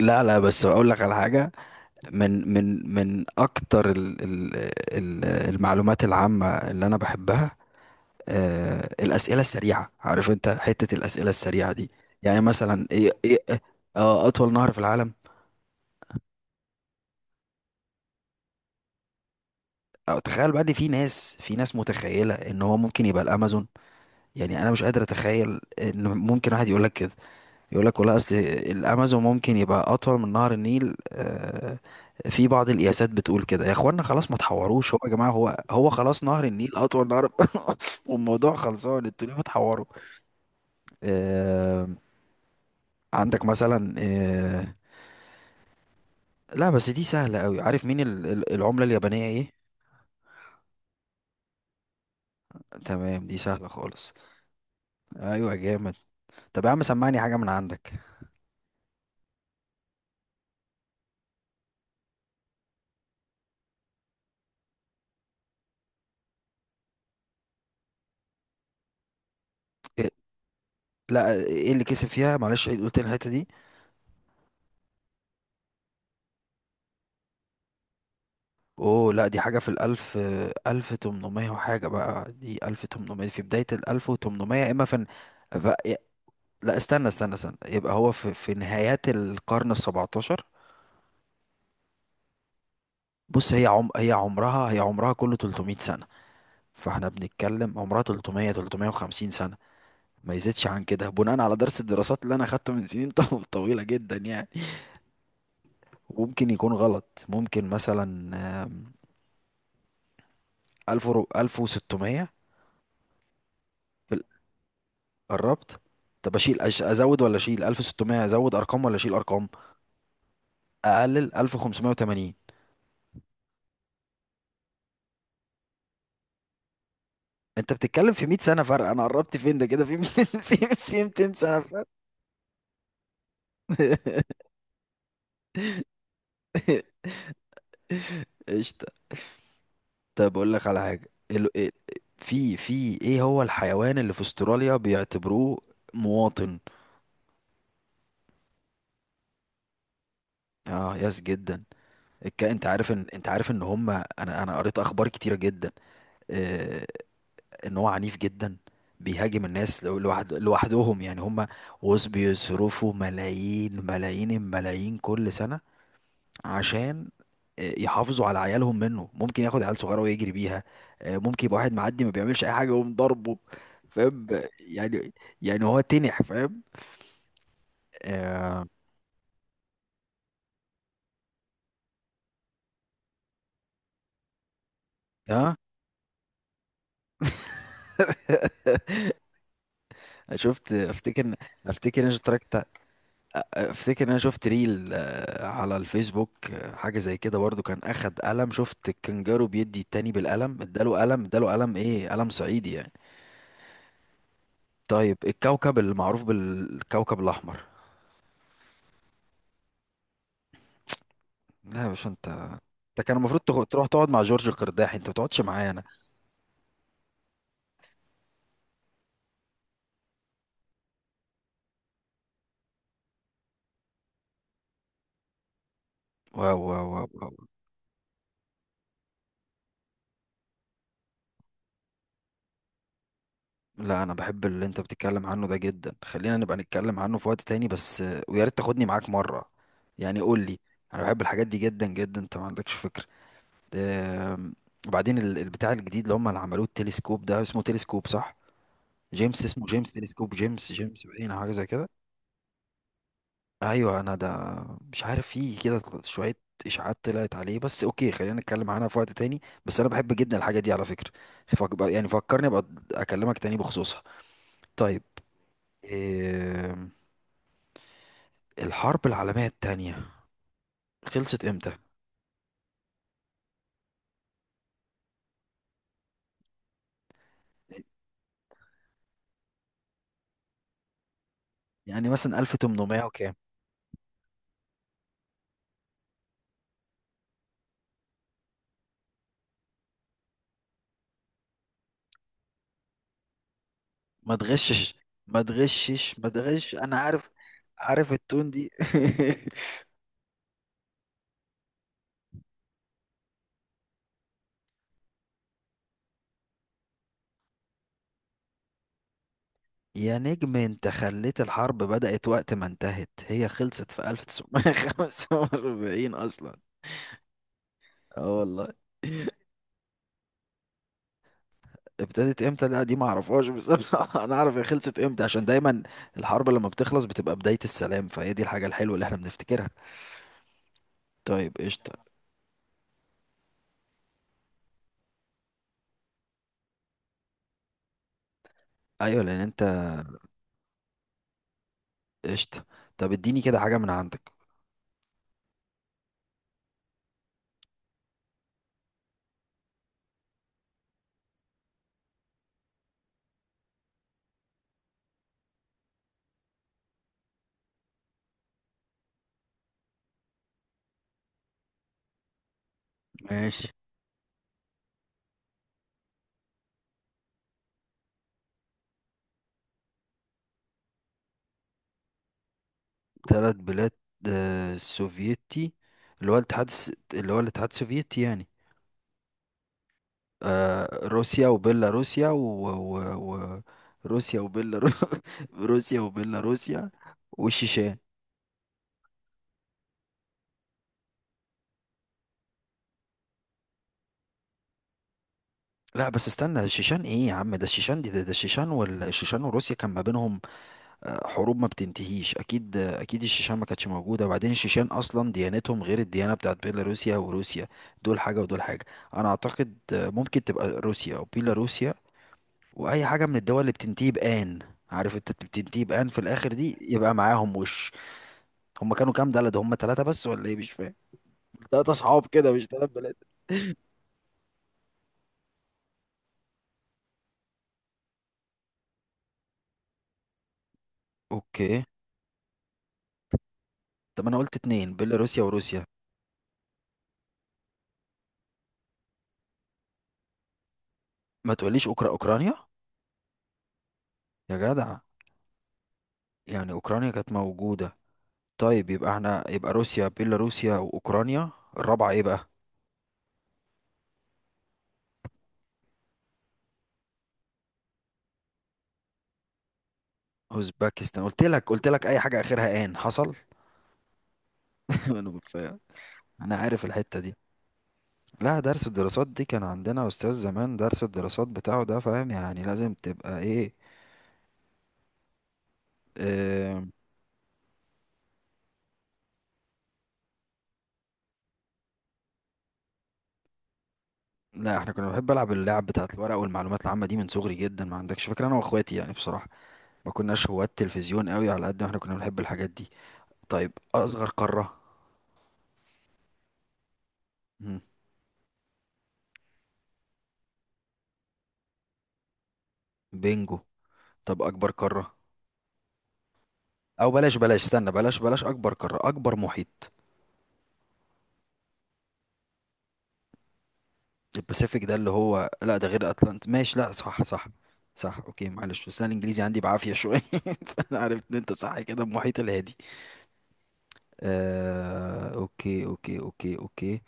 لا، بس اقول لك على حاجه، من اكتر ال المعلومات العامه اللي انا بحبها. الاسئله السريعه، عارف انت حته الاسئله السريعه دي؟ يعني مثلا ايه ايه إيه؟ اطول نهر في العالم؟ أو تخيل بقى ان في ناس، متخيله ان هو ممكن يبقى الامازون. يعني انا مش قادر اتخيل ان ممكن واحد يقول لك كده، يقول لك والله اصل الامازون ممكن يبقى اطول من نهر النيل. في بعض القياسات بتقول كده. يا اخوانا خلاص ما تحوروش، هو يا جماعه هو هو خلاص نهر النيل اطول نهر. والموضوع خلصان، انتوا ليه بتحوروا؟ آه، عندك مثلا، لا بس دي سهله قوي. عارف مين العمله اليابانيه ايه؟ تمام دي سهله خالص. ايوه جامد. طب يا عم سمعني حاجه من عندك. إيه- لا ايه اللي كسب فيها، معلش قلت لي الحته دي. اوه لا دي حاجة في الألف. ألف تمنمية وحاجة بقى، دي ألف تمنمية في بداية الألف، وتمنمية إما في. ف- لا، استنى استنى استنى، يبقى هو في نهايات القرن السبعتاشر. بص هي عم هي عمرها هي عمرها كله 300 سنة. فاحنا بنتكلم عمرها 300، 350 سنة، ما يزيدش عن كده بناء على درس الدراسات اللي انا اخدته من سنين، طويلة جدا يعني. وممكن يكون غلط، ممكن مثلا، آم، 1000 1600. قربت. طب اشيل، ازود ولا اشيل 1600، ازود ارقام ولا اشيل ارقام؟ اقلل، 1580. انت بتتكلم في 100 سنه فرق، انا قربت فين ده كده؟ في 200، في 200 سنه فرق. قشطه. طب اقول لك على حاجه، في ايه هو الحيوان اللي في استراليا بيعتبروه مواطن؟ اه، ياس جدا. انت عارف ان، هم، انا قريت اخبار كتيره جدا، آه، ان هو عنيف جدا، بيهاجم الناس لوحد لوحدهم يعني. هم، وز بيصرفوا ملايين ملايين الملايين كل سنة عشان يحافظوا على عيالهم منه. ممكن ياخد عيال صغيرة ويجري بيها، ممكن يبقى واحد معدي ما بيعملش اي حاجة ويقوم ضربه. فاهم يعني، يعني هو تنح، فاهم؟ اه. آه. شفت، افتكر. إن انا اشتركت، افتكر ان انا شفت ريل، على الفيسبوك، حاجه زي كده برضو. كان اخد قلم، شفت الكنجارو بيدي التاني بالقلم، اداله قلم، اداله قلم، ايه قلم صعيدي يعني. طيب، الكوكب المعروف بالكوكب الاحمر؟ لا يا باشا انت، انت كان المفروض تروح تقعد مع جورج القرداحي، انت ما بتقعدش معايا انا. واو واو واو واو. لا، انا بحب اللي انت بتتكلم عنه ده جدا، خلينا نبقى نتكلم عنه في وقت تاني، بس ويا ريت تاخدني معاك مره، يعني قول لي. انا بحب الحاجات دي جدا جدا، انت ما عندكش فكره. آم، وبعدين البتاع الجديد اللي هم اللي عملوه، التلسكوب ده اسمه تلسكوب، صح؟ جيمس، اسمه جيمس، تلسكوب جيمس، جيمس باين أو حاجه زي كده. ايوه انا ده. مش عارف، فيه كده شويه اشاعات طلعت عليه، بس اوكي خلينا نتكلم عنها في وقت تاني. بس انا بحب جدا الحاجه دي على فكره. يعني فكرني ابقى اكلمك تاني بخصوصها. طيب. آم، الحرب العالميه التانية خلصت امتى؟ يعني مثلا 1800 وكام؟ ما تغشش، ما تغشش، ما تغش، انا عارف. عارف التون دي. يا نجم انت خليت الحرب بدأت وقت ما انتهت، هي خلصت في 1945 اصلا. اه والله. ابتدت امتى لا دي ما اعرفهاش، بس انا، اعرف هي خلصت امتى، عشان دايما الحرب لما بتخلص بتبقى بداية السلام، فهي دي الحاجة الحلوة اللي احنا بنفتكرها. طيب قشطة. ايوه لان انت. قشطة. طب اديني كده حاجة من عندك. ماشي. ثلاث بلاد، سوفيتي، اللي هو اللي هو الاتحاد السوفيتي يعني. روسيا وبيلاروسيا، و... و... روسيا وبيلاروسيا، روسيا وبيلاروسيا والشيشان. لا بس استنى، الشيشان ايه يا عم؟ ده الشيشان دي، ده الشيشان. والشيشان وروسيا كان ما بينهم حروب ما بتنتهيش اكيد. اكيد الشيشان ما كانتش موجوده، وبعدين الشيشان اصلا ديانتهم غير الديانه بتاعت بيلاروسيا وروسيا، دول حاجه ودول حاجه. انا اعتقد ممكن تبقى روسيا او بيلاروسيا، واي حاجه من الدول اللي بتنتهي بان. عارف، انت بتنتهي بان في الاخر دي يبقى معاهم وش. هم كانوا كام بلد؟ هم ثلاثه بس ولا ايه، مش فاهم. ثلاثه اصحاب كده مش ثلاث بلاد. اوكي. طب انا قلت اتنين، بيلاروسيا وروسيا. ما تقوليش، اوكرانيا، يا جدع. يعني اوكرانيا كانت موجوده. طيب يبقى احنا، يبقى روسيا بيلاروسيا واوكرانيا، الرابعه ايه بقى؟ اوزبكستان. قلت لك، اي حاجه اخرها ان حصل. انا مش فاهم. انا عارف الحته دي. لا درس الدراسات دي كان عندنا أستاذ زمان، درس الدراسات بتاعه ده، فاهم يعني لازم تبقى إيه. آه. لا احنا كنا بنحب ألعب اللعب بتاعت الورق والمعلومات العامة دي من صغري جدا، ما عندكش فكرة أنا وأخواتي يعني بصراحة. ما كناش هواة تلفزيون قوي على قد ما احنا كنا بنحب الحاجات دي. طيب، أصغر قارة؟ مم، بينجو. طب أكبر قارة؟ أو بلاش بلاش، استنى، بلاش بلاش أكبر قارة، أكبر محيط. الباسيفيك. ده اللي هو، لا ده غير اتلانت، ماشي، لا صح، صح، صح، اوكي معلش، بس انا الانجليزي عندي بعافيه شويه. فانا عرفت ان انت صح كده، المحيط الهادي. آه، اوكي اوكي اوكي اوكي.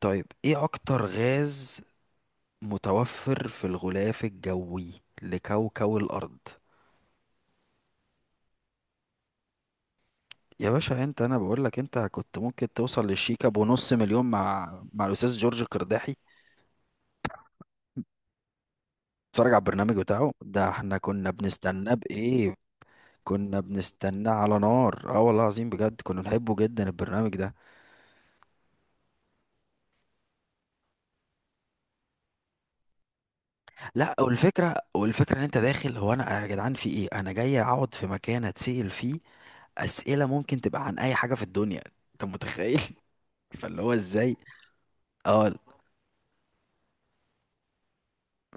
طيب ايه اكتر غاز متوفر في الغلاف الجوي لكوكب الارض؟ يا باشا انت، انا بقول لك انت كنت ممكن توصل للشيكا بنص مليون مع الاستاذ جورج القرداحي. اتفرج على البرنامج بتاعه ده، احنا كنا بنستناه بايه. كنا بنستناه على نار، اه والله العظيم بجد كنا بنحبه جدا البرنامج ده. لا والفكره، ان انت داخل، هو انا يا جدعان في ايه؟ انا جاي اقعد في مكان اتسال فيه اسئله ممكن تبقى عن اي حاجه في الدنيا، انت متخيل؟ فاللي هو ازاي. اه.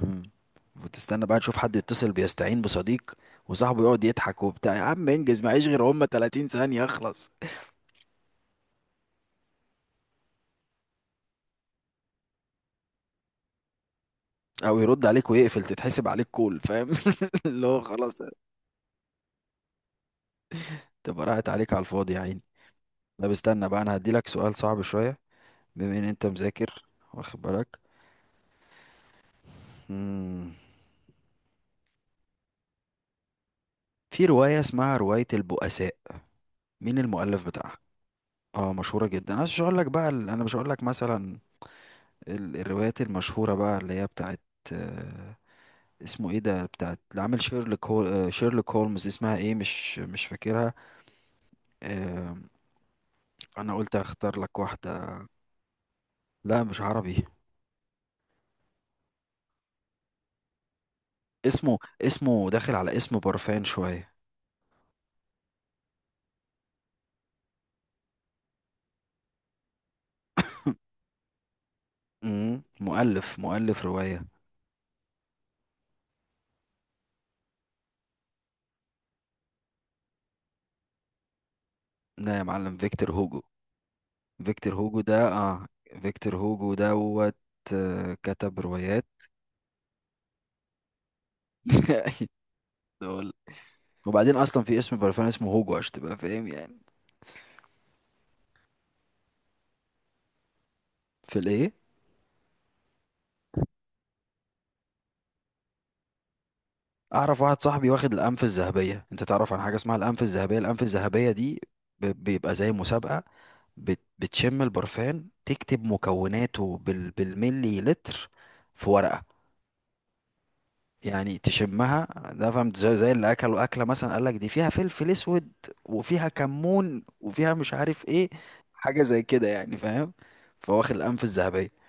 مم. وتستنى بقى تشوف حد يتصل بيستعين بصديق، وصاحبه يقعد يضحك وبتاع. يا عم انجز، معيش غير هم 30 ثانيه اخلص. او يرد عليك ويقفل، تتحسب عليك كول، فاهم؟ اللي هو خلاص، تبقى راحت عليك على الفاضي يا عيني. طب استنى بقى، انا هديلك سؤال صعب شوية بما ان انت مذاكر واخد بالك. مم. في رواية اسمها رواية البؤساء، مين المؤلف بتاعها؟ اه مشهورة جدا. انا مش هقول لك بقى انا مش هقول لك مثلا الروايات المشهورة بقى اللي هي بتاعت، آه، اسمه ايه ده، بتاعت اللي عامل شيرلوك هولمز. اسمها ايه؟ مش فاكرها. آه، انا قلت اختار لك واحدة. لا مش عربي. اسمه داخل على اسم برفان شوية. مم، مؤلف رواية. لا يا معلم، فيكتور هوجو. فيكتور هوجو ده، اه. فيكتور هوجو دوت. كتب روايات. دول. وبعدين اصلا في اسم برفان اسمه هوجو عشان تبقى فاهم يعني. في الايه؟ اعرف واحد صاحبي واخد الانف الذهبيه. انت تعرف عن حاجه اسمها الانف الذهبيه؟ الانف الذهبيه دي بيبقى زي مسابقه. بتشم البرفان، تكتب مكوناته بالملي لتر في ورقه. يعني تشمها. ده فهمت، زي، اللي اكلوا اكله مثلا قال لك دي فيها فلفل اسود وفيها كمون وفيها مش عارف ايه. حاجه زي كده يعني فاهم. فواخد الانف الذهبيه.